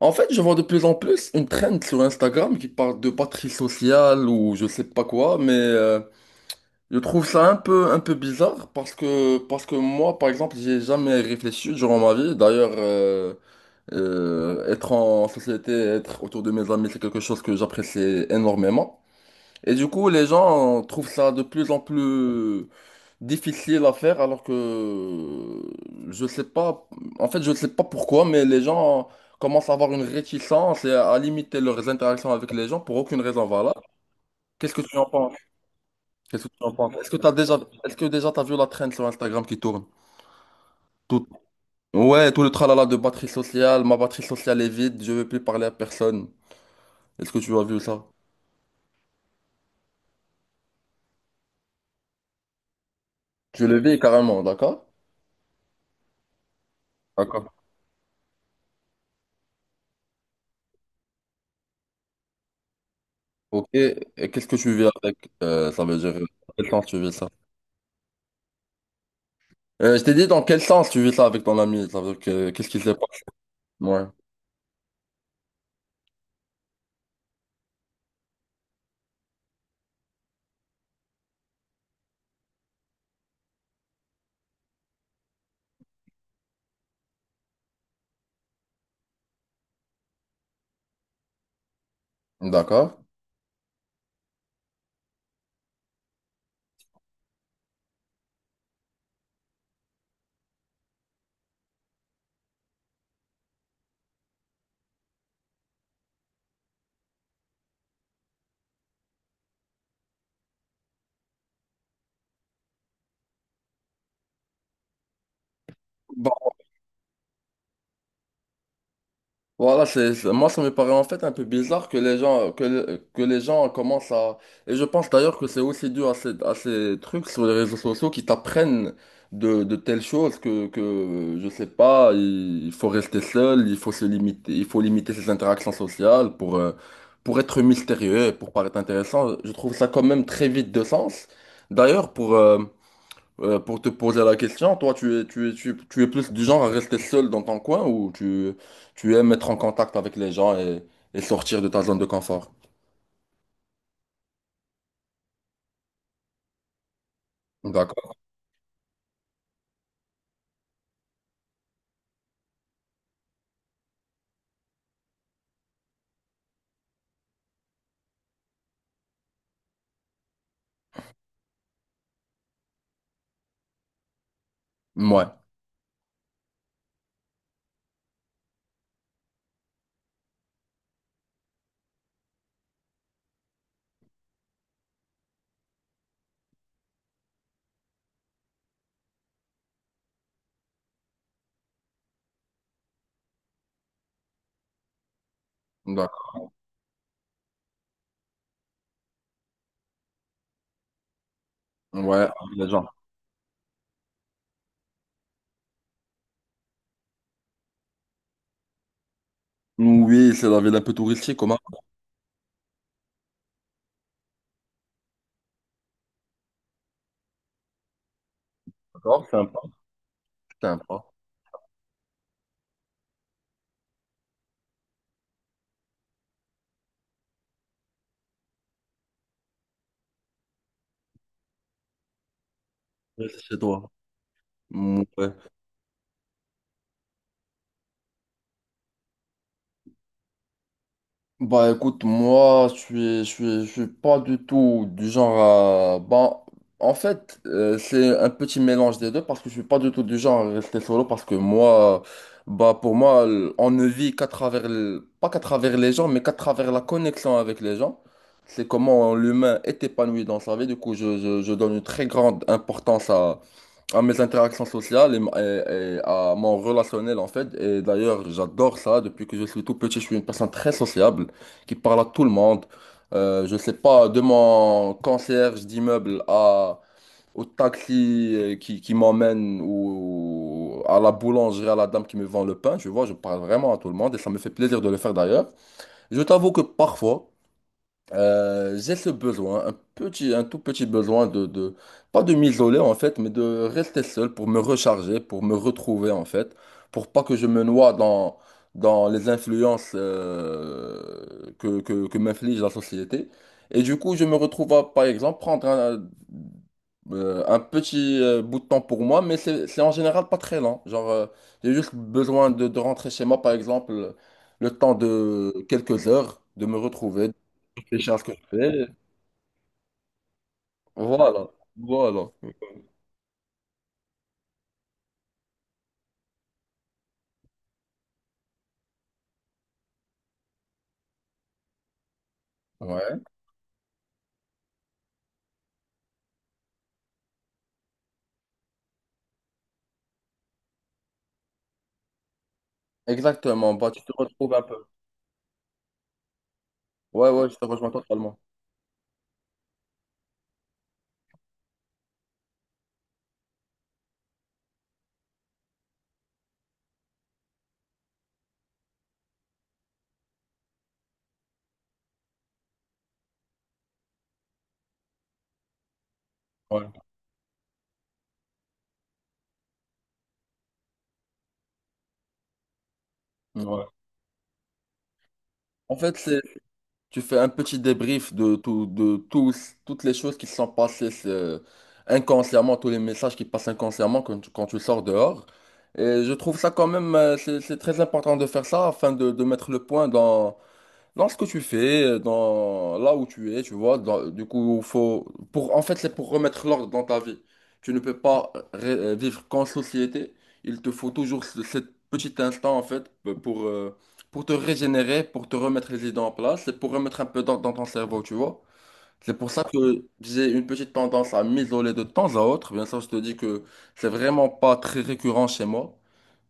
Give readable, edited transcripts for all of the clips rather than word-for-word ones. En fait, je vois de plus en plus une trend sur Instagram qui parle de patrie sociale ou je sais pas quoi, mais je trouve ça un peu bizarre parce que moi, par exemple, j'ai jamais réfléchi durant ma vie. D'ailleurs, être en société, être autour de mes amis, c'est quelque chose que j'apprécie énormément. Et du coup, les gens trouvent ça de plus en plus difficile à faire alors que je sais pas, en fait je sais pas pourquoi, mais les gens commencent à avoir une réticence et à limiter leurs interactions avec les gens pour aucune raison valable. Qu'est-ce que tu en penses? Qu'est-ce que tu en penses? Est-ce que déjà t'as vu la traîne sur Instagram qui tourne? Tout, ouais, tout le tralala de batterie sociale, ma batterie sociale est vide, je veux plus parler à personne. Est-ce que tu as vu ça? Tu le vis carrément, d'accord? D'accord. Ok, et qu'est-ce que tu vis avec? Ça veut dire, à quel sens tu vis ça? Je t'ai dit dans quel sens tu vis ça avec ton ami, ça veut dire que qu'est-ce qui s'est passé? Ouais, d'accord. Bon, voilà, moi ça me paraît en fait un peu bizarre que les gens que, que les gens commencent à et je pense d'ailleurs que c'est aussi dû à ces trucs sur les réseaux sociaux qui t'apprennent de telles choses que je sais pas, il faut rester seul, il faut se limiter, il faut limiter ses interactions sociales pour être mystérieux, et pour paraître intéressant. Je trouve ça quand même très vide de sens. D'ailleurs pour te poser la question, toi, tu es plus du genre à rester seul dans ton coin ou tu aimes être en contact avec les gens et sortir de ta zone de confort? D'accord. Ouais. D'accord. Ouais, avec les gens. Oui, c'est la ville un peu touristique, comment? D'accord, sympa. Sympa. Reste chez toi. Ouais. Bah écoute, moi, je suis pas du tout du genre à... Bah, en fait, c'est un petit mélange des deux parce que je suis pas du tout du genre à rester solo parce que moi, bah pour moi, on ne vit qu'à travers, pas qu'à travers les gens, mais qu'à travers la connexion avec les gens. C'est comment l'humain est épanoui dans sa vie. Du coup, je donne une très grande importance à mes interactions sociales et à mon relationnel en fait. Et d'ailleurs, j'adore ça. Depuis que je suis tout petit, je suis une personne très sociable qui parle à tout le monde. Je sais pas, de mon concierge d'immeuble à au taxi qui m'emmène ou à la boulangerie, à la dame qui me vend le pain, tu vois, je parle vraiment à tout le monde et ça me fait plaisir de le faire d'ailleurs. Je t'avoue que parfois, j'ai ce besoin, un petit, un tout petit besoin pas de m'isoler en fait, mais de rester seul pour me recharger, pour me retrouver en fait, pour pas que je me noie dans, dans les influences que m'inflige la société. Et du coup, je me retrouve à, par exemple, prendre un petit bout de temps pour moi, mais c'est en général pas très lent. Genre, j'ai juste besoin de rentrer chez moi, par exemple, le temps de quelques heures, de me retrouver. Richard Corbet. Voilà, voilà. Ouais, exactement. Bah, tu te retrouves un peu. Ouais, ouais, je te rejoins totalement. Ouais, ouais. En fait, c'est, tu fais un petit débrief de tout, de tous, toutes les choses qui se sont passées c'est, inconsciemment, tous les messages qui passent inconsciemment quand tu sors dehors. Et je trouve ça quand même, c'est très important de faire ça afin de mettre le point dans, dans ce que tu fais, dans là où tu es, tu vois, du coup, faut pour en fait, c'est pour remettre l'ordre dans ta vie. Tu ne peux pas vivre qu'en société. Il te faut toujours ce cet petit instant en fait pour te régénérer, pour te remettre les idées en place et pour remettre un peu d'ordre dans ton cerveau, tu vois. C'est pour ça que j'ai une petite tendance à m'isoler de temps à autre. Bien sûr, je te dis que c'est vraiment pas très récurrent chez moi.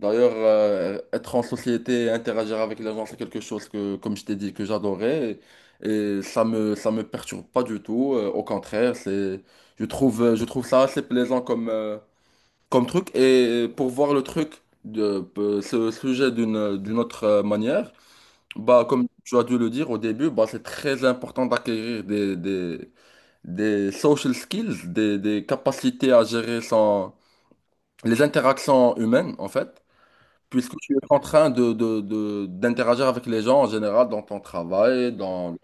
D'ailleurs, être en société et interagir avec les gens, c'est quelque chose que, comme je t'ai dit, que j'adorais. Et ça me perturbe pas du tout. Au contraire, c'est, je trouve ça assez plaisant comme truc. Et pour voir le truc, ce sujet d'une autre manière, bah, comme tu as dû le dire au début, bah, c'est très important d'acquérir des social skills, des capacités à gérer son, les interactions humaines, en fait, puisque tu es en train d'interagir avec les gens en général dans ton travail, dans,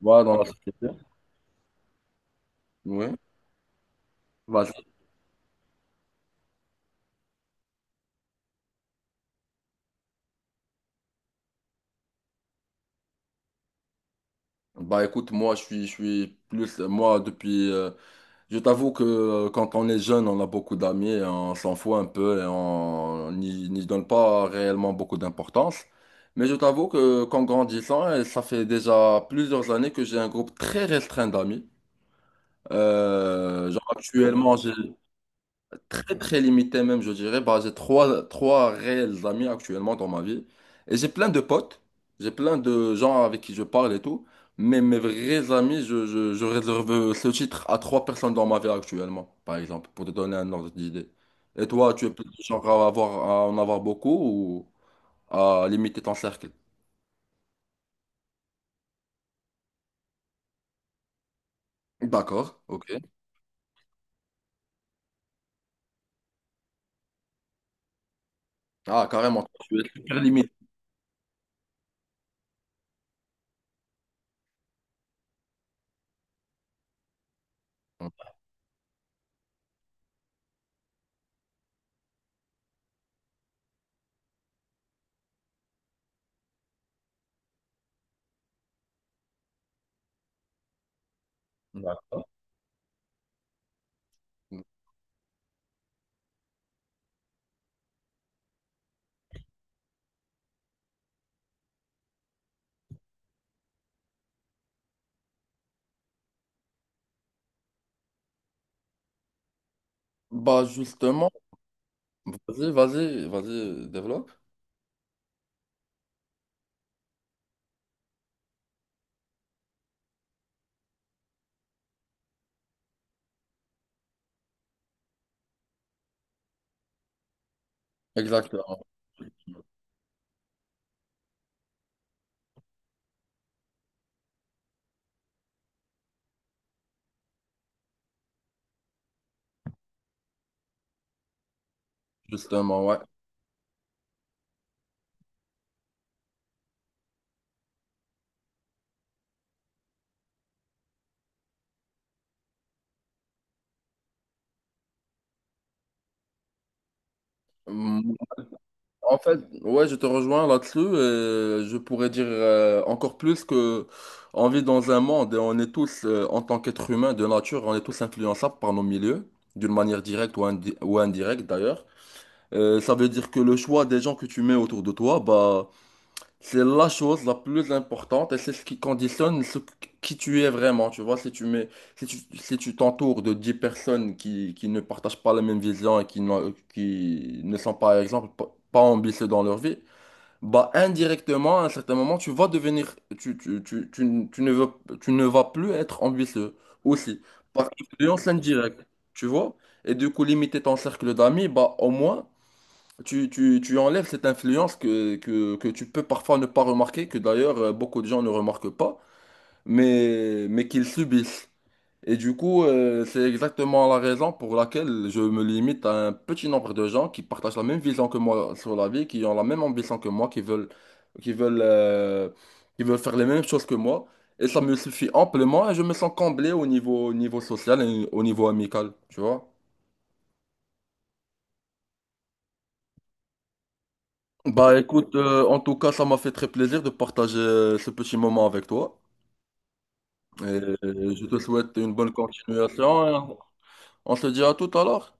voilà, dans la société. Oui. Vas-y. Bah écoute, moi je suis plus, moi depuis, je t'avoue que quand on est jeune, on a beaucoup d'amis et on s'en fout un peu et on n'y donne pas réellement beaucoup d'importance. Mais je t'avoue que qu'en grandissant, et ça fait déjà plusieurs années que j'ai un groupe très restreint d'amis. Genre actuellement, j'ai très très limité même, je dirais. Bah, j'ai trois réels amis actuellement dans ma vie. Et j'ai plein de potes, j'ai plein de gens avec qui je parle et tout. Mais mes vrais amis, je réserve ce titre à trois personnes dans ma vie actuellement, par exemple, pour te donner un ordre d'idée. Et toi, tu es plutôt genre à avoir, à en avoir beaucoup ou à limiter ton cercle? D'accord, ok. Ah, carrément, tu es super limité. D'accord. Bah justement, vas-y, développe. Exactement. Justement, ouais. Mm, en fait, ouais, je te rejoins là-dessus. Je pourrais dire encore plus que on vit dans un monde et on est tous, en tant qu'être humain de nature, on est tous influençables par nos milieux, d'une manière directe ou, ou indirecte d'ailleurs. Ça veut dire que le choix des gens que tu mets autour de toi, bah, c'est la chose la plus importante et c'est ce qui conditionne qui tu es vraiment. Tu vois, si tu mets, si tu, si tu t'entoures de 10 personnes qui ne partagent pas la même vision et qui, qui ne sont par exemple pas, pas ambitieux dans leur vie, bah indirectement, à un certain moment, tu vas devenir, tu, n- tu ne veux, tu ne vas plus être ambitieux aussi. Par influence indirecte, tu vois. Et du coup, limiter ton cercle d'amis, bah au moins. Tu enlèves cette influence que tu peux parfois ne pas remarquer, que d'ailleurs beaucoup de gens ne remarquent pas, mais qu'ils subissent. Et du coup, c'est exactement la raison pour laquelle je me limite à un petit nombre de gens qui partagent la même vision que moi sur la vie, qui ont la même ambition que moi, qui veulent, qui veulent, euh, qui veulent faire les mêmes choses que moi. Et ça me suffit amplement et je me sens comblé au niveau, social et au niveau amical, tu vois? Bah écoute, en tout cas, ça m'a fait très plaisir de partager ce petit moment avec toi. Et je te souhaite une bonne continuation. On se dit à tout à l'heure.